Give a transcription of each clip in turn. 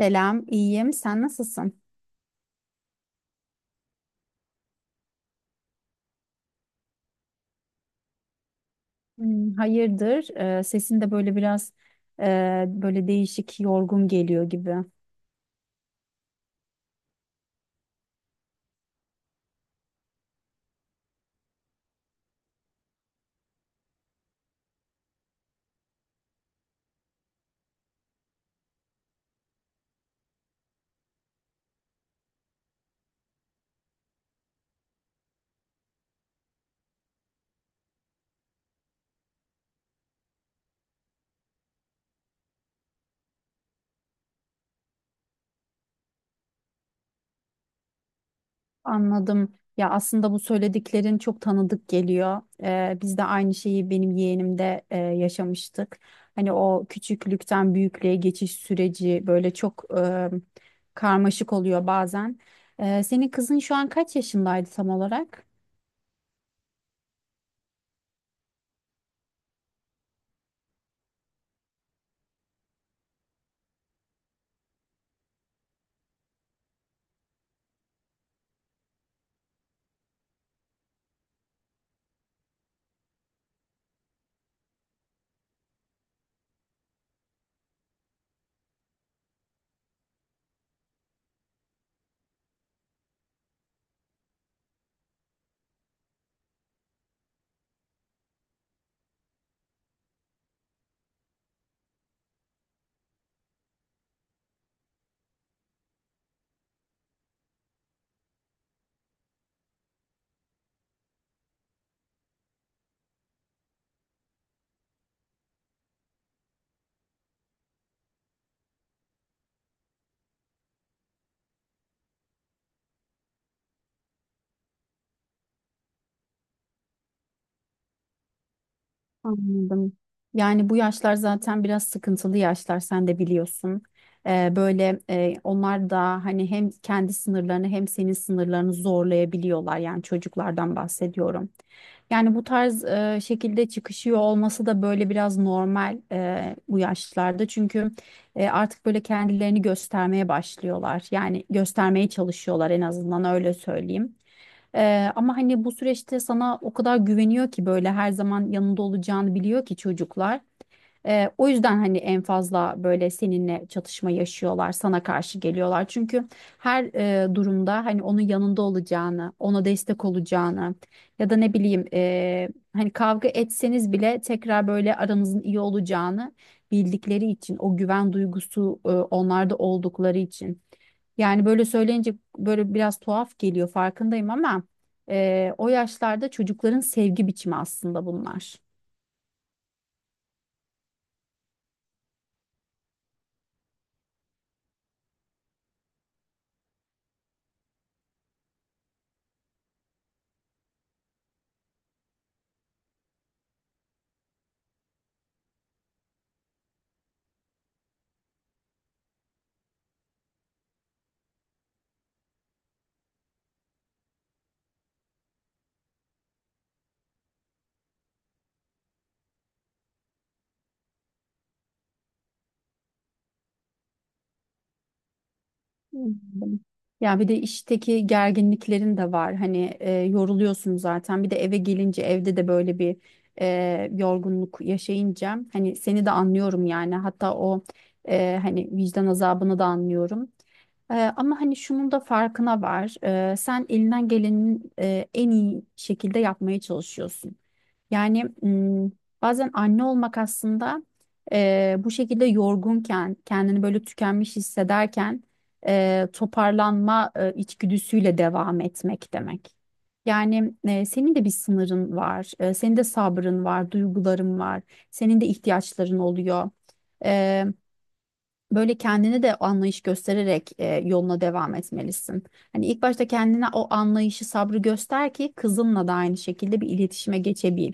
Selam, iyiyim. Sen nasılsın? Hayırdır? Sesin de böyle biraz böyle değişik, yorgun geliyor gibi. Anladım. Ya aslında bu söylediklerin çok tanıdık geliyor. Biz de aynı şeyi benim yeğenimde yaşamıştık. Hani o küçüklükten büyüklüğe geçiş süreci böyle çok karmaşık oluyor bazen. Senin kızın şu an kaç yaşındaydı tam olarak? Anladım. Yani bu yaşlar zaten biraz sıkıntılı yaşlar, sen de biliyorsun. Böyle onlar da hani hem kendi sınırlarını hem senin sınırlarını zorlayabiliyorlar. Yani çocuklardan bahsediyorum. Yani bu tarz şekilde çıkışıyor olması da böyle biraz normal bu yaşlarda. Çünkü artık böyle kendilerini göstermeye başlıyorlar. Yani göstermeye çalışıyorlar, en azından öyle söyleyeyim. Ama hani bu süreçte sana o kadar güveniyor ki, böyle her zaman yanında olacağını biliyor ki çocuklar. O yüzden hani en fazla böyle seninle çatışma yaşıyorlar, sana karşı geliyorlar. Çünkü her durumda hani onun yanında olacağını, ona destek olacağını ya da ne bileyim, hani kavga etseniz bile tekrar böyle aranızın iyi olacağını bildikleri için, o güven duygusu onlarda oldukları için. Yani böyle söyleyince böyle biraz tuhaf geliyor, farkındayım, ama o yaşlarda çocukların sevgi biçimi aslında bunlar. Anladım. Ya bir de işteki gerginliklerin de var. Hani yoruluyorsun zaten. Bir de eve gelince evde de böyle bir yorgunluk yaşayınca hani seni de anlıyorum yani. Hatta o hani vicdan azabını da anlıyorum. Ama hani şunun da farkına var. Sen elinden gelenin en iyi şekilde yapmaya çalışıyorsun. Yani m, Bazen anne olmak aslında bu şekilde yorgunken, kendini böyle tükenmiş hissederken toparlanma içgüdüsüyle devam etmek demek. Yani senin de bir sınırın var, senin de sabrın var, duyguların var, senin de ihtiyaçların oluyor. E, Böyle kendine de anlayış göstererek yoluna devam etmelisin. Hani ilk başta kendine o anlayışı, sabrı göster ki kızınla da aynı şekilde bir iletişime geçebil.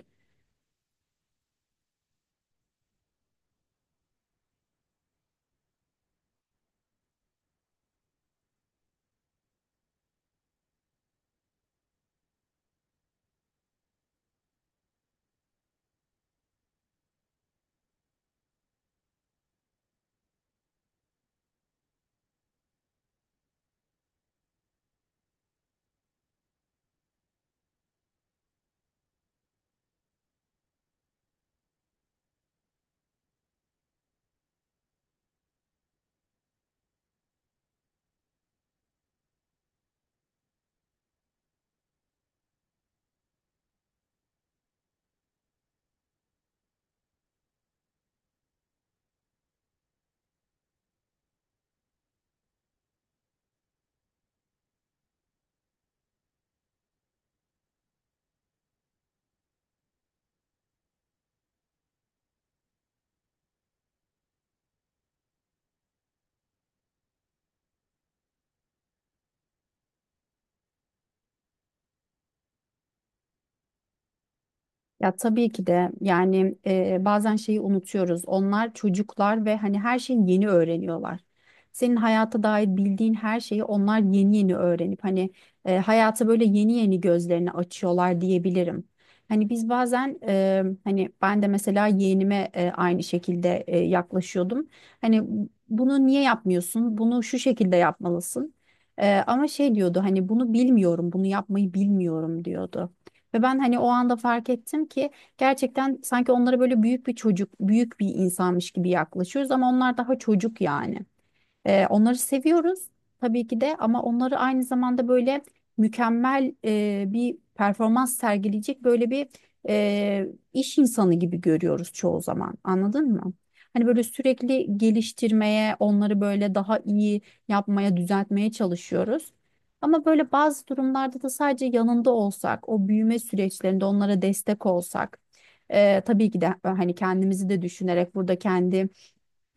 Ya tabii ki de, yani bazen şeyi unutuyoruz. Onlar çocuklar ve hani her şeyi yeni öğreniyorlar. Senin hayata dair bildiğin her şeyi onlar yeni yeni öğrenip hani hayata böyle yeni yeni gözlerini açıyorlar diyebilirim. Hani biz bazen, hani ben de mesela yeğenime aynı şekilde yaklaşıyordum. Hani bunu niye yapmıyorsun? Bunu şu şekilde yapmalısın. Ama şey diyordu, hani bunu bilmiyorum, bunu yapmayı bilmiyorum diyordu. Ve ben hani o anda fark ettim ki gerçekten sanki onlara böyle büyük bir çocuk, büyük bir insanmış gibi yaklaşıyoruz ama onlar daha çocuk yani. Onları seviyoruz tabii ki de, ama onları aynı zamanda böyle mükemmel bir performans sergileyecek böyle bir e, iş insanı gibi görüyoruz çoğu zaman. Anladın mı? Hani böyle sürekli geliştirmeye, onları böyle daha iyi yapmaya, düzeltmeye çalışıyoruz. Ama böyle bazı durumlarda da sadece yanında olsak, o büyüme süreçlerinde onlara destek olsak, tabii ki de hani kendimizi de düşünerek, burada kendi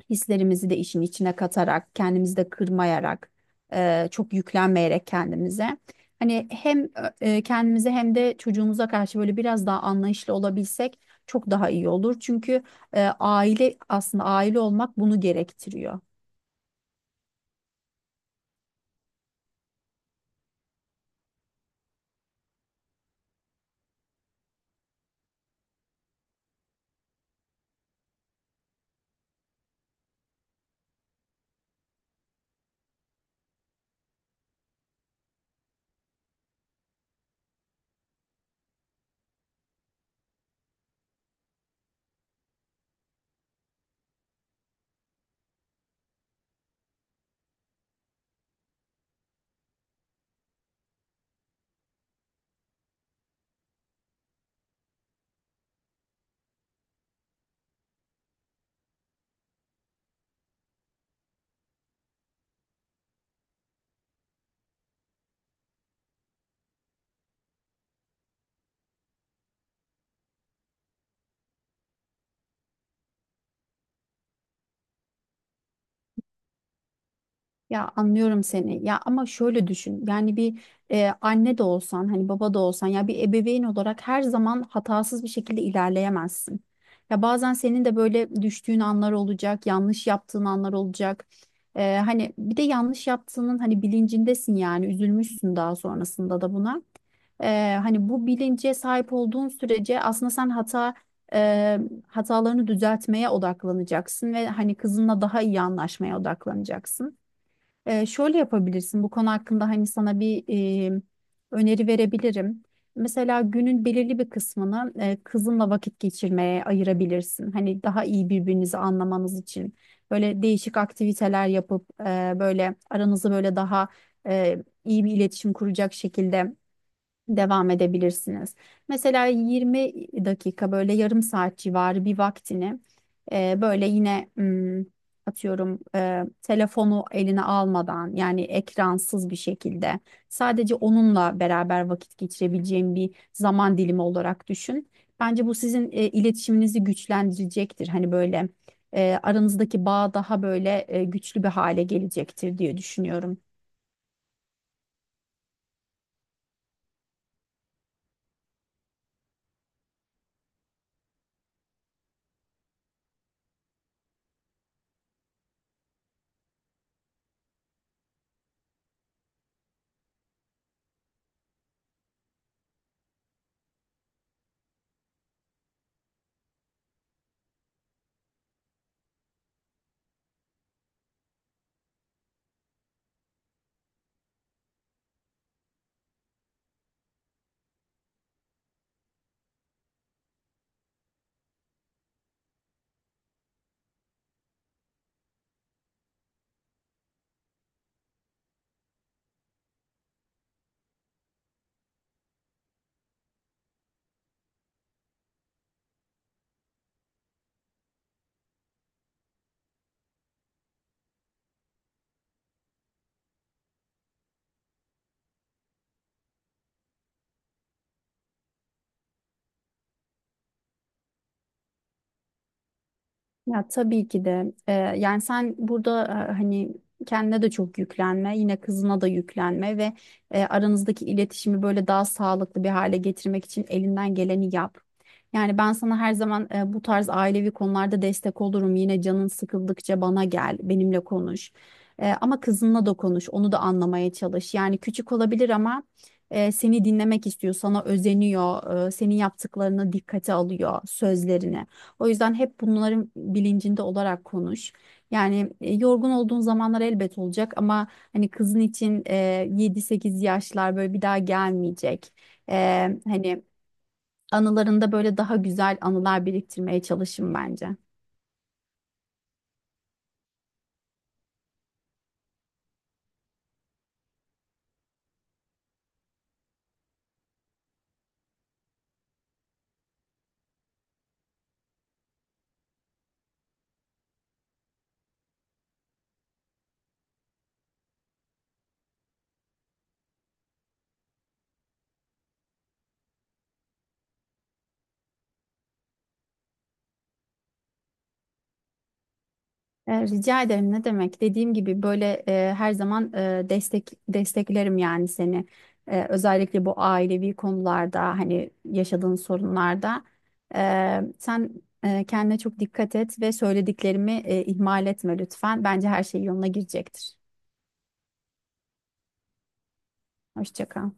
hislerimizi de işin içine katarak, kendimizi de kırmayarak, çok yüklenmeyerek kendimize. Hani hem kendimize hem de çocuğumuza karşı böyle biraz daha anlayışlı olabilsek çok daha iyi olur. Çünkü aile aslında, aile olmak bunu gerektiriyor. Ya anlıyorum seni. Ya ama şöyle düşün. Yani bir anne de olsan, hani baba da olsan, ya bir ebeveyn olarak her zaman hatasız bir şekilde ilerleyemezsin. Ya bazen senin de böyle düştüğün anlar olacak, yanlış yaptığın anlar olacak. Hani bir de yanlış yaptığının hani bilincindesin, yani üzülmüşsün daha sonrasında da buna. Hani bu bilince sahip olduğun sürece aslında sen e, hatalarını düzeltmeye odaklanacaksın ve hani kızınla daha iyi anlaşmaya odaklanacaksın. Şöyle yapabilirsin: bu konu hakkında hani sana bir e, öneri verebilirim. Mesela günün belirli bir kısmını kızınla vakit geçirmeye ayırabilirsin. Hani daha iyi birbirinizi anlamanız için böyle değişik aktiviteler yapıp böyle aranızı böyle daha iyi bir iletişim kuracak şekilde devam edebilirsiniz. Mesela 20 dakika, böyle yarım saat civarı bir vaktini, böyle yine atıyorum, telefonu eline almadan yani ekransız bir şekilde, sadece onunla beraber vakit geçirebileceğim bir zaman dilimi olarak düşün. Bence bu sizin iletişiminizi güçlendirecektir. Hani böyle aranızdaki bağ daha böyle güçlü bir hale gelecektir diye düşünüyorum. Ya tabii ki de. Yani sen burada hani kendine de çok yüklenme, yine kızına da yüklenme ve aranızdaki iletişimi böyle daha sağlıklı bir hale getirmek için elinden geleni yap. Yani ben sana her zaman bu tarz ailevi konularda destek olurum. Yine canın sıkıldıkça bana gel, benimle konuş. Ama kızınla da konuş, onu da anlamaya çalış. Yani küçük olabilir ama seni dinlemek istiyor, sana özeniyor, senin yaptıklarını dikkate alıyor, sözlerini. O yüzden hep bunların bilincinde olarak konuş. Yani yorgun olduğun zamanlar elbet olacak, ama hani kızın için 7-8 yaşlar böyle bir daha gelmeyecek. E, Hani anılarında böyle daha güzel anılar biriktirmeye çalışın bence. Rica ederim, ne demek? Dediğim gibi, böyle her zaman desteklerim yani seni. Özellikle bu ailevi konularda, hani yaşadığın sorunlarda. Sen kendine çok dikkat et ve söylediklerimi ihmal etme lütfen. Bence her şey yoluna girecektir. Hoşça kal.